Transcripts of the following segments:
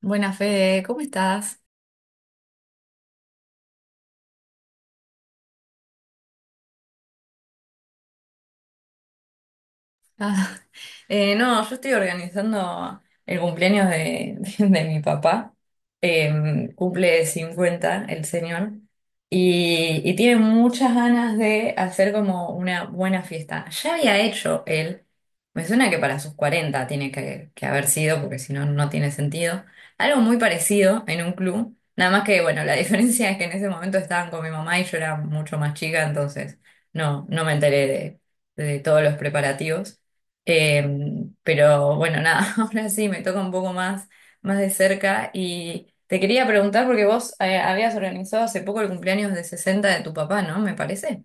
Buenas, Fede, ¿cómo estás? Ah, no, yo estoy organizando el cumpleaños de, de mi papá. Cumple 50 el señor y tiene muchas ganas de hacer como una buena fiesta. Ya había hecho él, me suena que para sus 40 tiene que haber sido, porque si no, no tiene sentido. Algo muy parecido en un club, nada más que, bueno, la diferencia es que en ese momento estaban con mi mamá y yo era mucho más chica, entonces no, no me enteré de todos los preparativos. Eh, pero bueno, nada, ahora sí me toca un poco más, más de cerca y te quería preguntar porque vos habías organizado hace poco el cumpleaños de 60 de tu papá, ¿no? Me parece.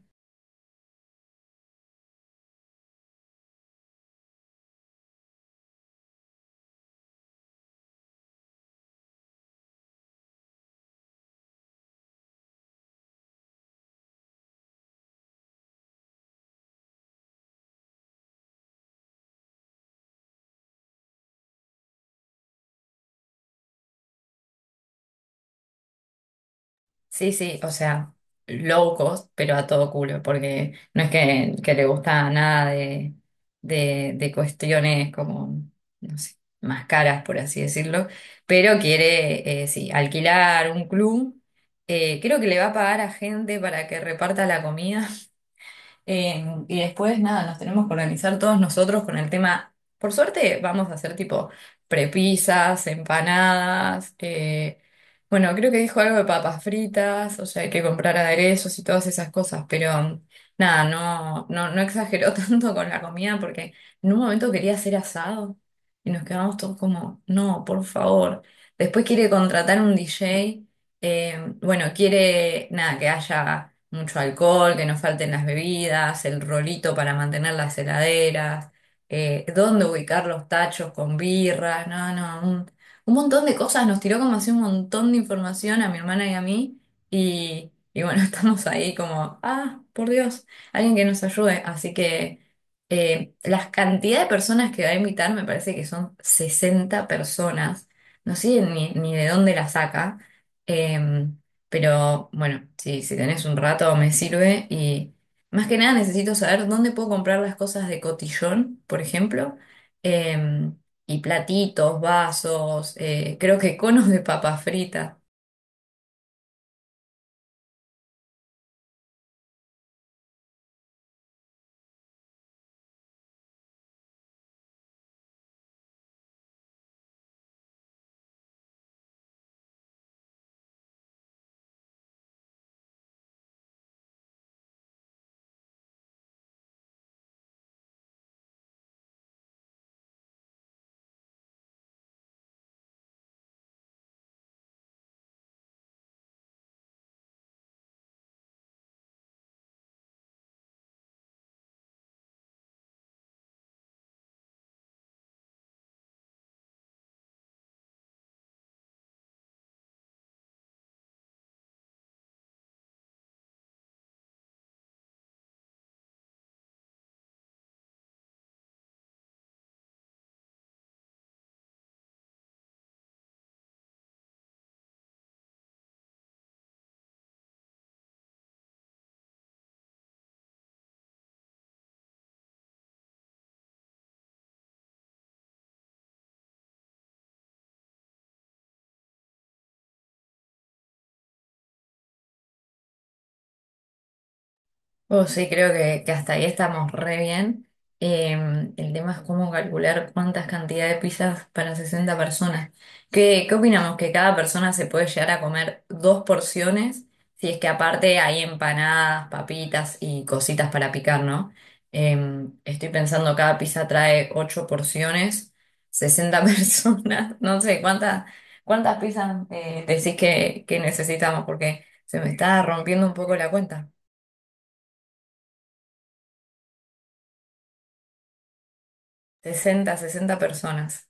Sí, sí, o sea, low cost, pero a todo culo, porque no es que le gusta nada de, de cuestiones como, no sé, más caras, por así decirlo, pero quiere, sí, alquilar un club. Creo que le va a pagar a gente para que reparta la comida. Y después, nada, nos tenemos que organizar todos nosotros con el tema. Por suerte, vamos a hacer tipo prepisas, empanadas. Bueno, creo que dijo algo de papas fritas, o sea, hay que comprar aderezos y todas esas cosas, pero nada, no, no, no exageró tanto con la comida porque en un momento quería hacer asado y nos quedamos todos como, no, por favor. Después quiere contratar un DJ. Bueno, quiere, nada, que haya mucho alcohol, que no falten las bebidas, el rolito para mantener las heladeras, dónde ubicar los tachos con birras, no, no, un montón de cosas. Nos tiró como así un montón de información a mi hermana y a mí y bueno, estamos ahí como, ah, por Dios, alguien que nos ayude. Así que las cantidad de personas que va a invitar me parece que son 60 personas. No sé ni, ni de dónde la saca. Em, pero bueno, si, si tenés un rato me sirve y más que nada necesito saber dónde puedo comprar las cosas de cotillón, por ejemplo, em, y platitos, vasos, creo que conos de papas fritas. Oh, sí, creo que hasta ahí estamos re bien. El tema es cómo calcular cuántas cantidades de pizzas para 60 personas. ¿Qué, qué opinamos? ¿Que cada persona se puede llegar a comer dos porciones? Si es que aparte hay empanadas, papitas y cositas para picar, ¿no? Estoy pensando, cada pizza trae 8 porciones, 60 personas. No sé, ¿cuántas, cuántas pizzas decís que necesitamos? Porque se me está rompiendo un poco la cuenta. Sesenta personas.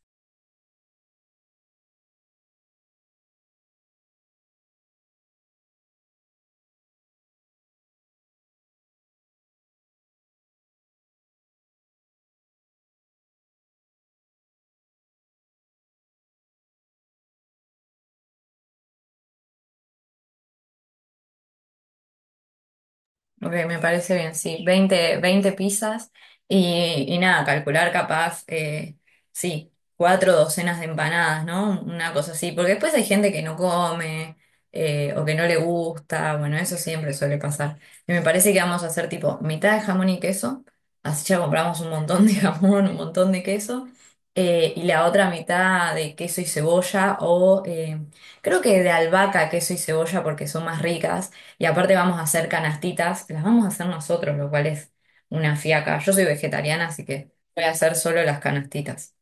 Ok, me parece bien, sí. Veinte pizzas y nada, calcular capaz, sí, cuatro docenas de empanadas, ¿no? Una cosa así, porque después hay gente que no come o que no le gusta, bueno, eso siempre suele pasar. Y me parece que vamos a hacer tipo mitad de jamón y queso, así ya compramos un montón de jamón, un montón de queso, y la otra mitad de queso y cebolla o... creo que de albahaca, queso y cebolla porque son más ricas. Y aparte vamos a hacer canastitas, que las vamos a hacer nosotros, lo cual es una fiaca. Yo soy vegetariana, así que voy a hacer solo las canastitas.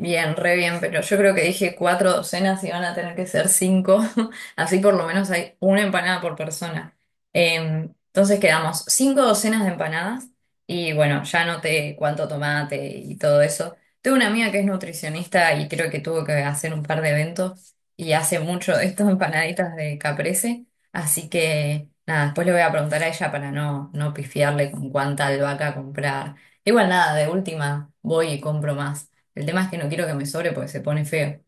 Bien, re bien, pero yo creo que dije cuatro docenas y van a tener que ser cinco, así por lo menos hay una empanada por persona. Entonces quedamos cinco docenas de empanadas y bueno, ya noté cuánto tomate y todo eso. Tengo una amiga que es nutricionista y creo que tuvo que hacer un par de eventos y hace mucho de estas empanaditas de caprese, así que nada, después le voy a preguntar a ella para no, no pifiarle con cuánta albahaca comprar. Igual nada, de última voy y compro más. El tema es que no quiero que me sobre porque se pone feo.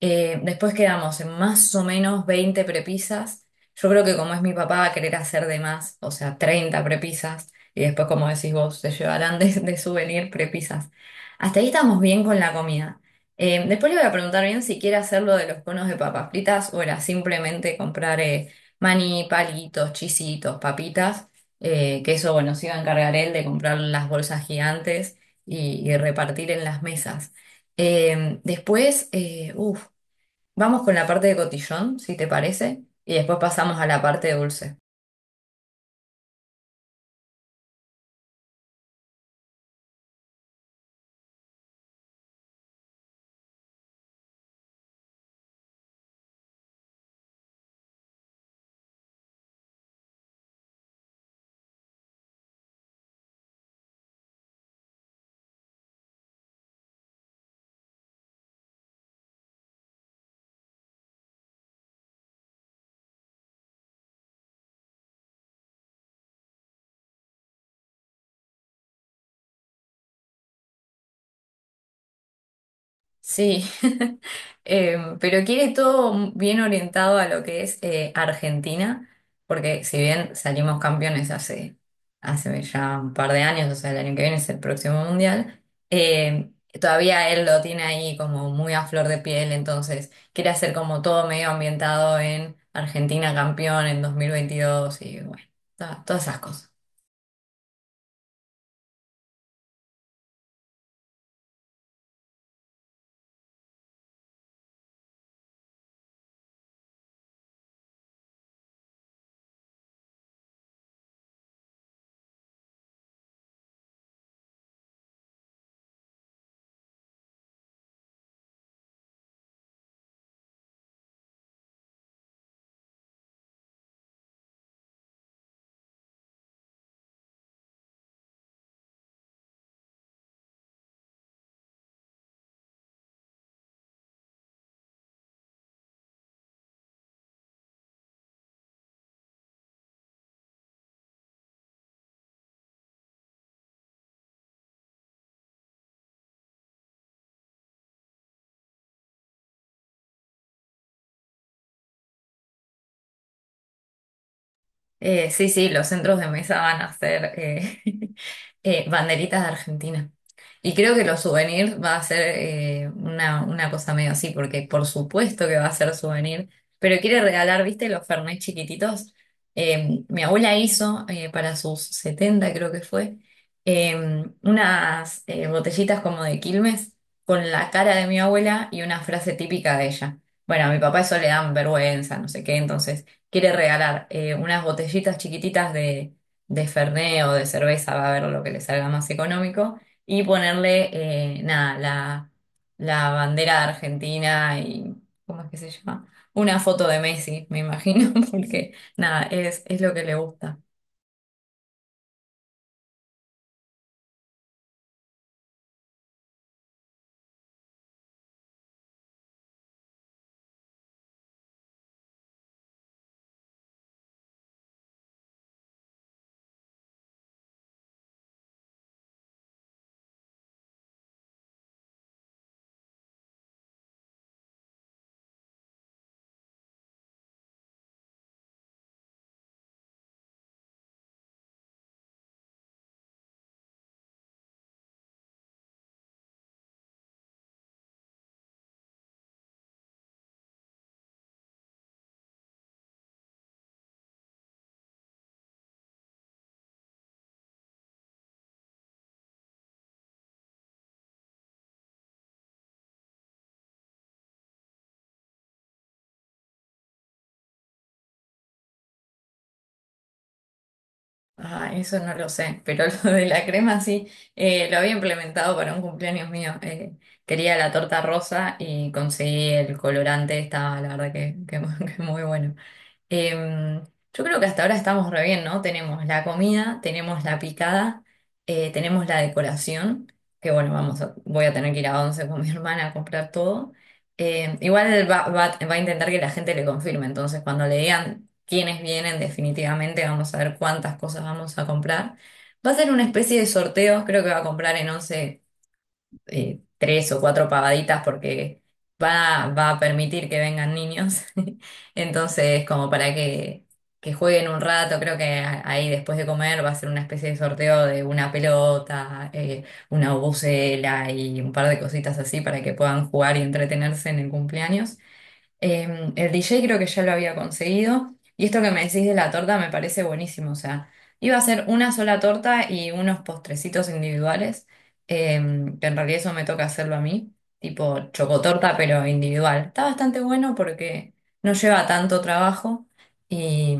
Después quedamos en más o menos 20 prepisas. Yo creo que como es mi papá va a querer hacer de más, o sea, 30 prepisas. Y después, como decís vos, se llevarán de souvenir prepisas. Hasta ahí estamos bien con la comida. Después le voy a preguntar bien si quiere hacerlo de los conos de papas fritas o era simplemente comprar maní, palitos, chisitos, papitas. Que eso, bueno, se iba a encargar él de comprar las bolsas gigantes y repartir en las mesas. Después, vamos con la parte de cotillón, si te parece, y después pasamos a la parte dulce. Sí, pero quiere todo bien orientado a lo que es Argentina, porque si bien salimos campeones hace, hace ya un par de años, o sea, el año que viene es el próximo mundial, em, todavía él lo tiene ahí como muy a flor de piel, entonces quiere hacer como todo medio ambientado en Argentina campeón en 2022 y bueno, todas esas cosas. Sí, sí, los centros de mesa van a ser banderitas de Argentina. Y creo que los souvenirs va a ser una cosa medio así, porque por supuesto que va a ser souvenir, pero quiere regalar, ¿viste? Los Fernet chiquititos. Mi abuela hizo para sus 70 creo que fue, unas botellitas como de Quilmes con la cara de mi abuela y una frase típica de ella. Bueno, a mi papá eso le dan vergüenza, no sé qué, entonces quiere regalar unas botellitas chiquititas de Fernet o de cerveza, va a ver lo que le salga más económico, y ponerle, nada, la bandera de Argentina y, ¿cómo es que se llama? Una foto de Messi, me imagino, porque nada, es lo que le gusta. Ah, eso no lo sé, pero lo de la crema sí, lo había implementado para un cumpleaños mío. Quería la torta rosa y conseguí el colorante, estaba la verdad que que muy bueno. Em, yo creo que hasta ahora estamos re bien, ¿no? Tenemos la comida, tenemos la picada, tenemos la decoración, que bueno, voy a tener que ir a Once con mi hermana a comprar todo. Igual va, va a intentar que la gente le confirme, entonces cuando le digan quiénes vienen, definitivamente vamos a ver cuántas cosas vamos a comprar. Va a ser una especie de sorteo, creo que va a comprar en Once tres o cuatro pagaditas porque va, va a permitir que vengan niños. Entonces, como para que jueguen un rato, creo que ahí después de comer va a ser una especie de sorteo de una pelota, una bucela y un par de cositas así para que puedan jugar y entretenerse en el cumpleaños. El DJ creo que ya lo había conseguido. Y esto que me decís de la torta me parece buenísimo. O sea, iba a ser una sola torta y unos postrecitos individuales. eh, que en realidad eso me toca hacerlo a mí. Tipo chocotorta, pero individual. Está bastante bueno porque no lleva tanto trabajo. Y,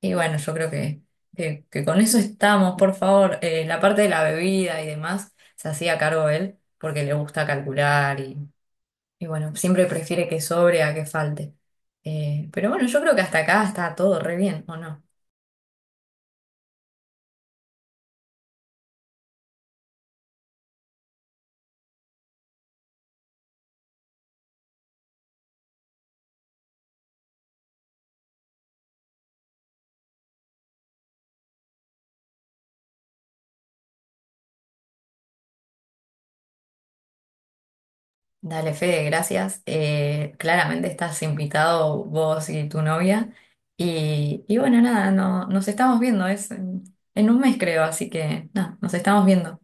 y bueno, yo creo que con eso estamos, por favor. La parte de la bebida y demás se hacía cargo él porque le gusta calcular y bueno, siempre prefiere que sobre a que falte. Pero bueno, yo creo que hasta acá está todo re bien, ¿o no? Dale, Fede, gracias. Claramente estás invitado vos y tu novia. Y bueno, nada, no, nos estamos viendo, es en un mes creo, así que nada, nos estamos viendo.